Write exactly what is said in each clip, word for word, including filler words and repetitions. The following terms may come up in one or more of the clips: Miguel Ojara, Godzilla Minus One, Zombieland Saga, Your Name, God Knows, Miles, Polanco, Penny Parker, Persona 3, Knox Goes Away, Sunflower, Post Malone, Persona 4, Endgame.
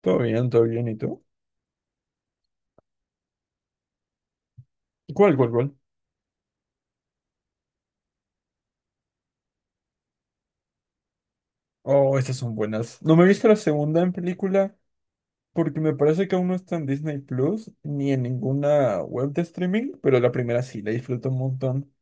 Todo bien, todo bien, ¿y tú? ¿Cuál, cuál, cuál? Oh, estas son buenas. No me he visto la segunda en película porque me parece que aún no está en Disney Plus ni en ninguna web de streaming, pero la primera sí, la disfruto un montón.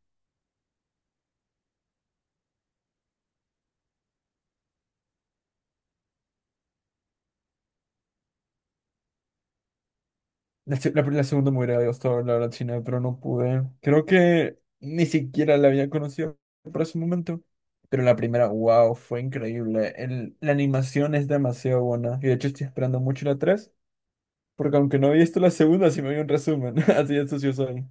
La, se- la, la segunda me hubiera gustado la verdad, China, pero no pude. Creo que ni siquiera la había conocido para ese momento. Pero la primera, wow, fue increíble. El- la animación es demasiado buena. Y de hecho estoy esperando mucho la tres porque aunque no había visto la segunda, sí me vi un resumen. Así de sucio soy.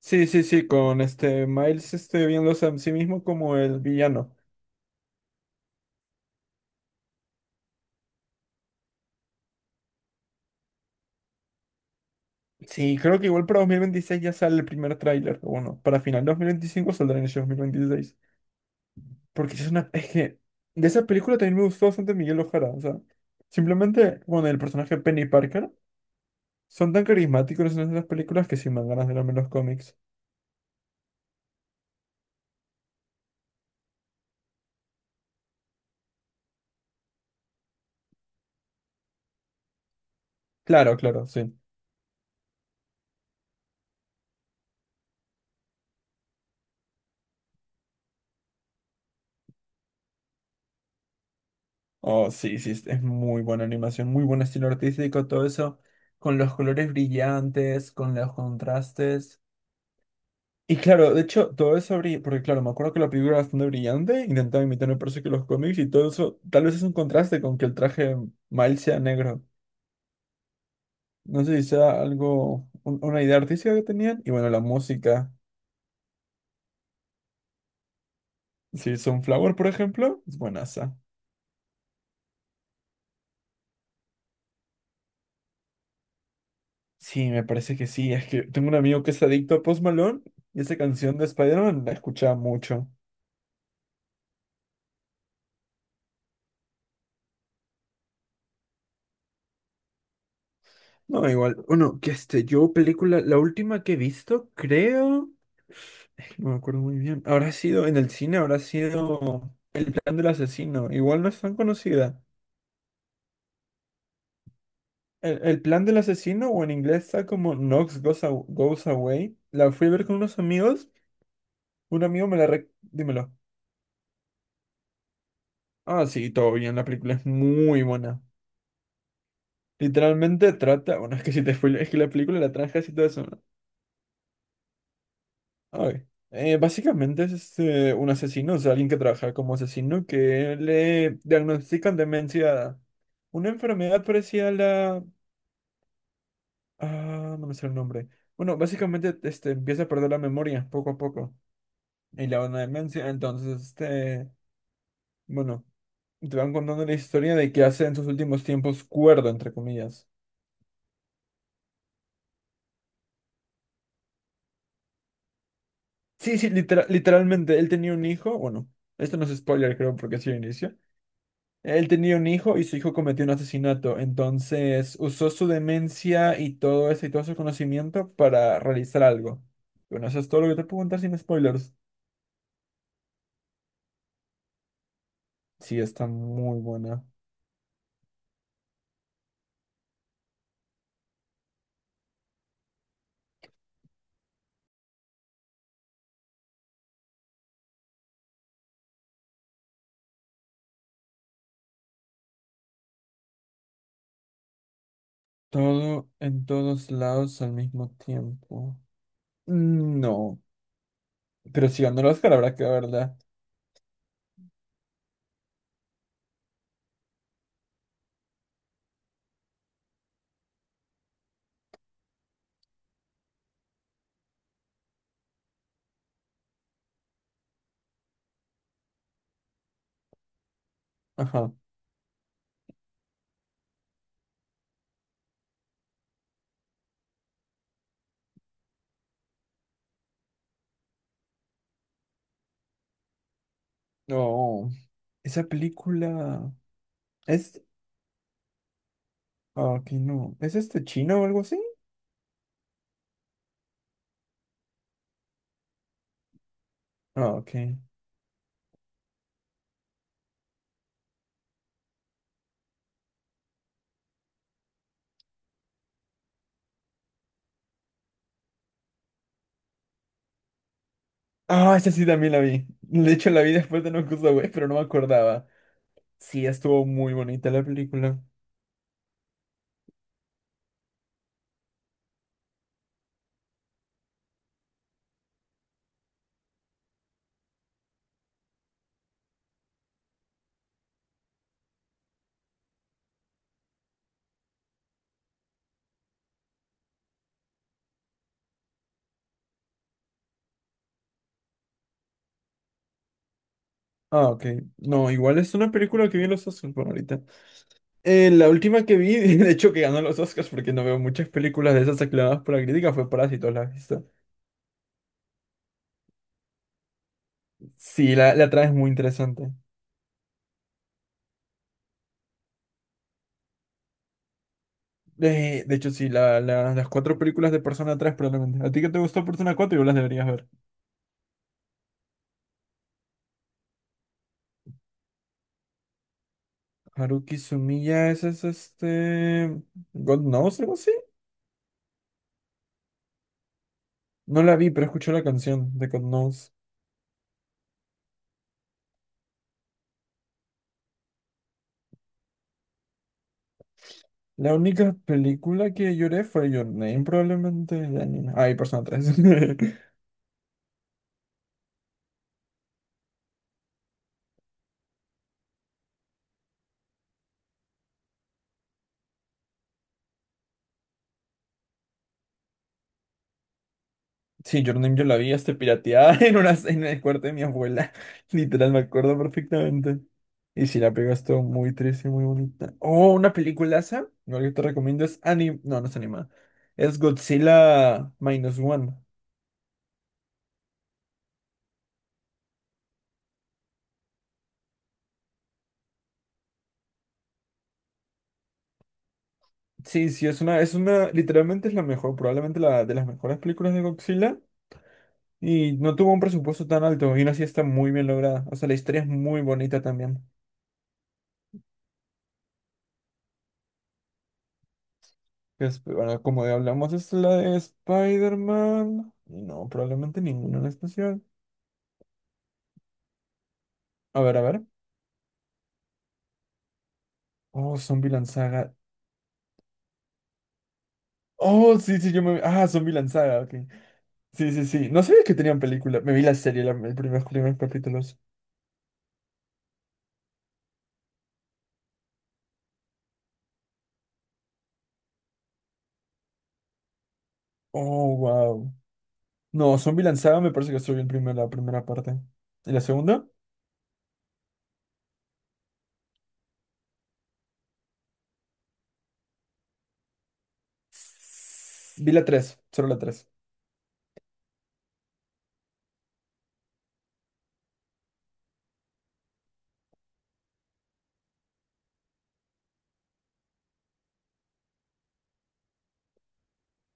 Sí, sí, sí, con este Miles este, viéndose a sí mismo como el villano. Sí, creo que igual para dos mil veintiséis ya sale el primer tráiler. O bueno, para final de dos mil veinticinco saldrá en ese dos mil veintiséis. Porque sí es una... Es que de esa película también me gustó bastante Miguel Ojara. O sea, simplemente, bueno, el personaje Penny Parker son tan carismáticos en esas películas que sí me dan ganas de verme los cómics. Claro, claro, sí. Oh, sí, sí, es es muy buena animación, muy buen estilo artístico, todo eso. Con los colores brillantes, con los contrastes. Y claro, de hecho, todo eso brilla, porque claro, me acuerdo que la película era bastante brillante, intentaba imitar me parece que los cómics y todo eso, tal vez es un contraste con que el traje Miles sea negro. No sé si sea algo, un- una idea artística que tenían, y bueno, la música, si Sunflower, por ejemplo, es buenaza. Sí, me parece que sí, es que tengo un amigo que es adicto a Post Malone, y esa canción de Spider-Man la escuchaba mucho. No, igual, bueno, que este, yo película, la última que he visto, creo, no me acuerdo muy bien, habrá sido en el cine, habrá sido... plan del asesino, igual no es tan conocida. El, el plan del asesino, o en inglés está como Knox Goes, Aw- Goes Away. La fui a ver con unos amigos. Un amigo me la rec- Dímelo. Ah, sí, todo bien, la película es muy buena. Literalmente trata... Bueno, es que si te spoileo, es que la película la trata y todo eso, ¿no? Ay. Eh, básicamente es este, un asesino, o sea, alguien que trabaja como asesino que le diagnostican demencia, una enfermedad parecida a la... Ah, no me sé el nombre. Bueno, básicamente este, empieza a perder la memoria poco a poco. Y le da una demencia. Entonces, este, bueno, te van contando la historia de que hace en sus últimos tiempos cuerdo, entre comillas. Sí, sí, litera- literalmente, él tenía un hijo. Bueno, esto no es spoiler, creo, porque así inicio. Él tenía un hijo y su hijo cometió un asesinato. Entonces, usó su demencia y todo eso y todo su conocimiento para realizar algo. Bueno, eso es todo lo que te puedo contar sin spoilers. Sí, está muy buena. Todo en todos lados al mismo tiempo. Mm, no, pero si ganó el Oscar habrá que verla. Ajá. No, esa película es... Ah, ok, no. ¿Es este chino o algo así? Ah, ok. Ah, esa sí también la vi. De hecho, la vi después de No Way, pero no me acordaba. Sí, estuvo muy bonita la película. Ah, ok. No, igual es una película que vi en los Oscars por ahorita. Eh, la última que vi, de hecho que ganó los Oscars porque no veo muchas películas de esas aclamadas por la crítica, fue Parásitos, ¿la has visto? Sí, la, la trama es muy interesante. Eh, de hecho, sí, la, la- las cuatro películas de Persona tres probablemente. ¿A ti que te gustó Persona cuatro? Yo las deberías ver. Haruki Sumiya, ese es este... God Knows, algo así. No la vi, pero escuché la canción de God Knows. La única película que lloré fue Your Name, probablemente. De anime. Ah, y Persona tres. Sí, Your Name yo la vi hasta pirateada en una, en el cuarto de mi abuela. Literal, me acuerdo perfectamente. Y si la pega estuvo muy triste, muy bonita. Oh, una peliculaza. Igual que te recomiendo es anim... No, no es animada. Es Godzilla Minus One. Sí, sí, es una, es una, literalmente es la mejor, probablemente la de las mejores películas de Godzilla. Y no tuvo un presupuesto tan alto, y aún así está muy bien lograda. O sea, la historia es muy bonita también. Es- Bueno, como de hablamos, es la de Spider-Man. Y no, probablemente ninguna en especial. A ver, a ver. Oh, Zombieland Saga. Oh, sí, sí, yo me... Ah, Zombieland Saga, ok. Sí, sí, sí. No sabía que tenían película. Me vi la serie, la- el primer, primeros capítulos. Oh, wow. No, Zombieland Saga me parece que solo vi el primer, la primera parte. ¿Y la segunda? Vi la tres, solo la tres.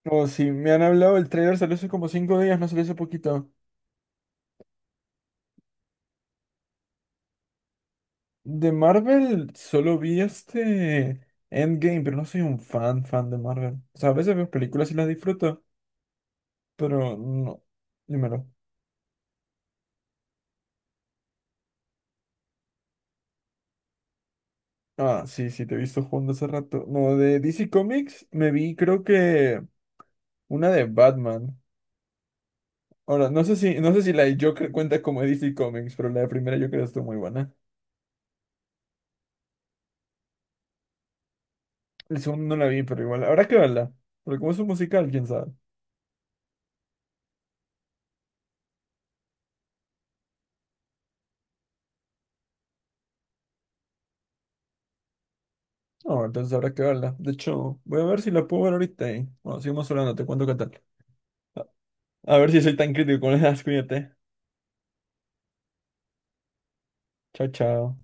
Oh, sí, me han hablado, el trailer salió hace como cinco días, no salió hace poquito. De Marvel solo vi este Endgame, pero no soy un fan, fan de Marvel. O sea, a veces veo películas y las disfruto, pero no. Dímelo. Ah, sí, sí, te he visto jugando hace rato. No, de D C Comics me vi creo que una de Batman. Ahora, no sé si, no sé si la de Joker cuenta como de D C Comics, pero la de primera Joker estuvo muy buena. El segundo no la vi, pero igual, habrá que verla. Porque como es un musical, quién sabe. No, entonces habrá que verla. De hecho, voy a ver si la puedo ver ahorita. Y bueno, sigamos hablando, te cuento qué tal. A ver si soy tan crítico con las ideas, cuídate. Chao, chao.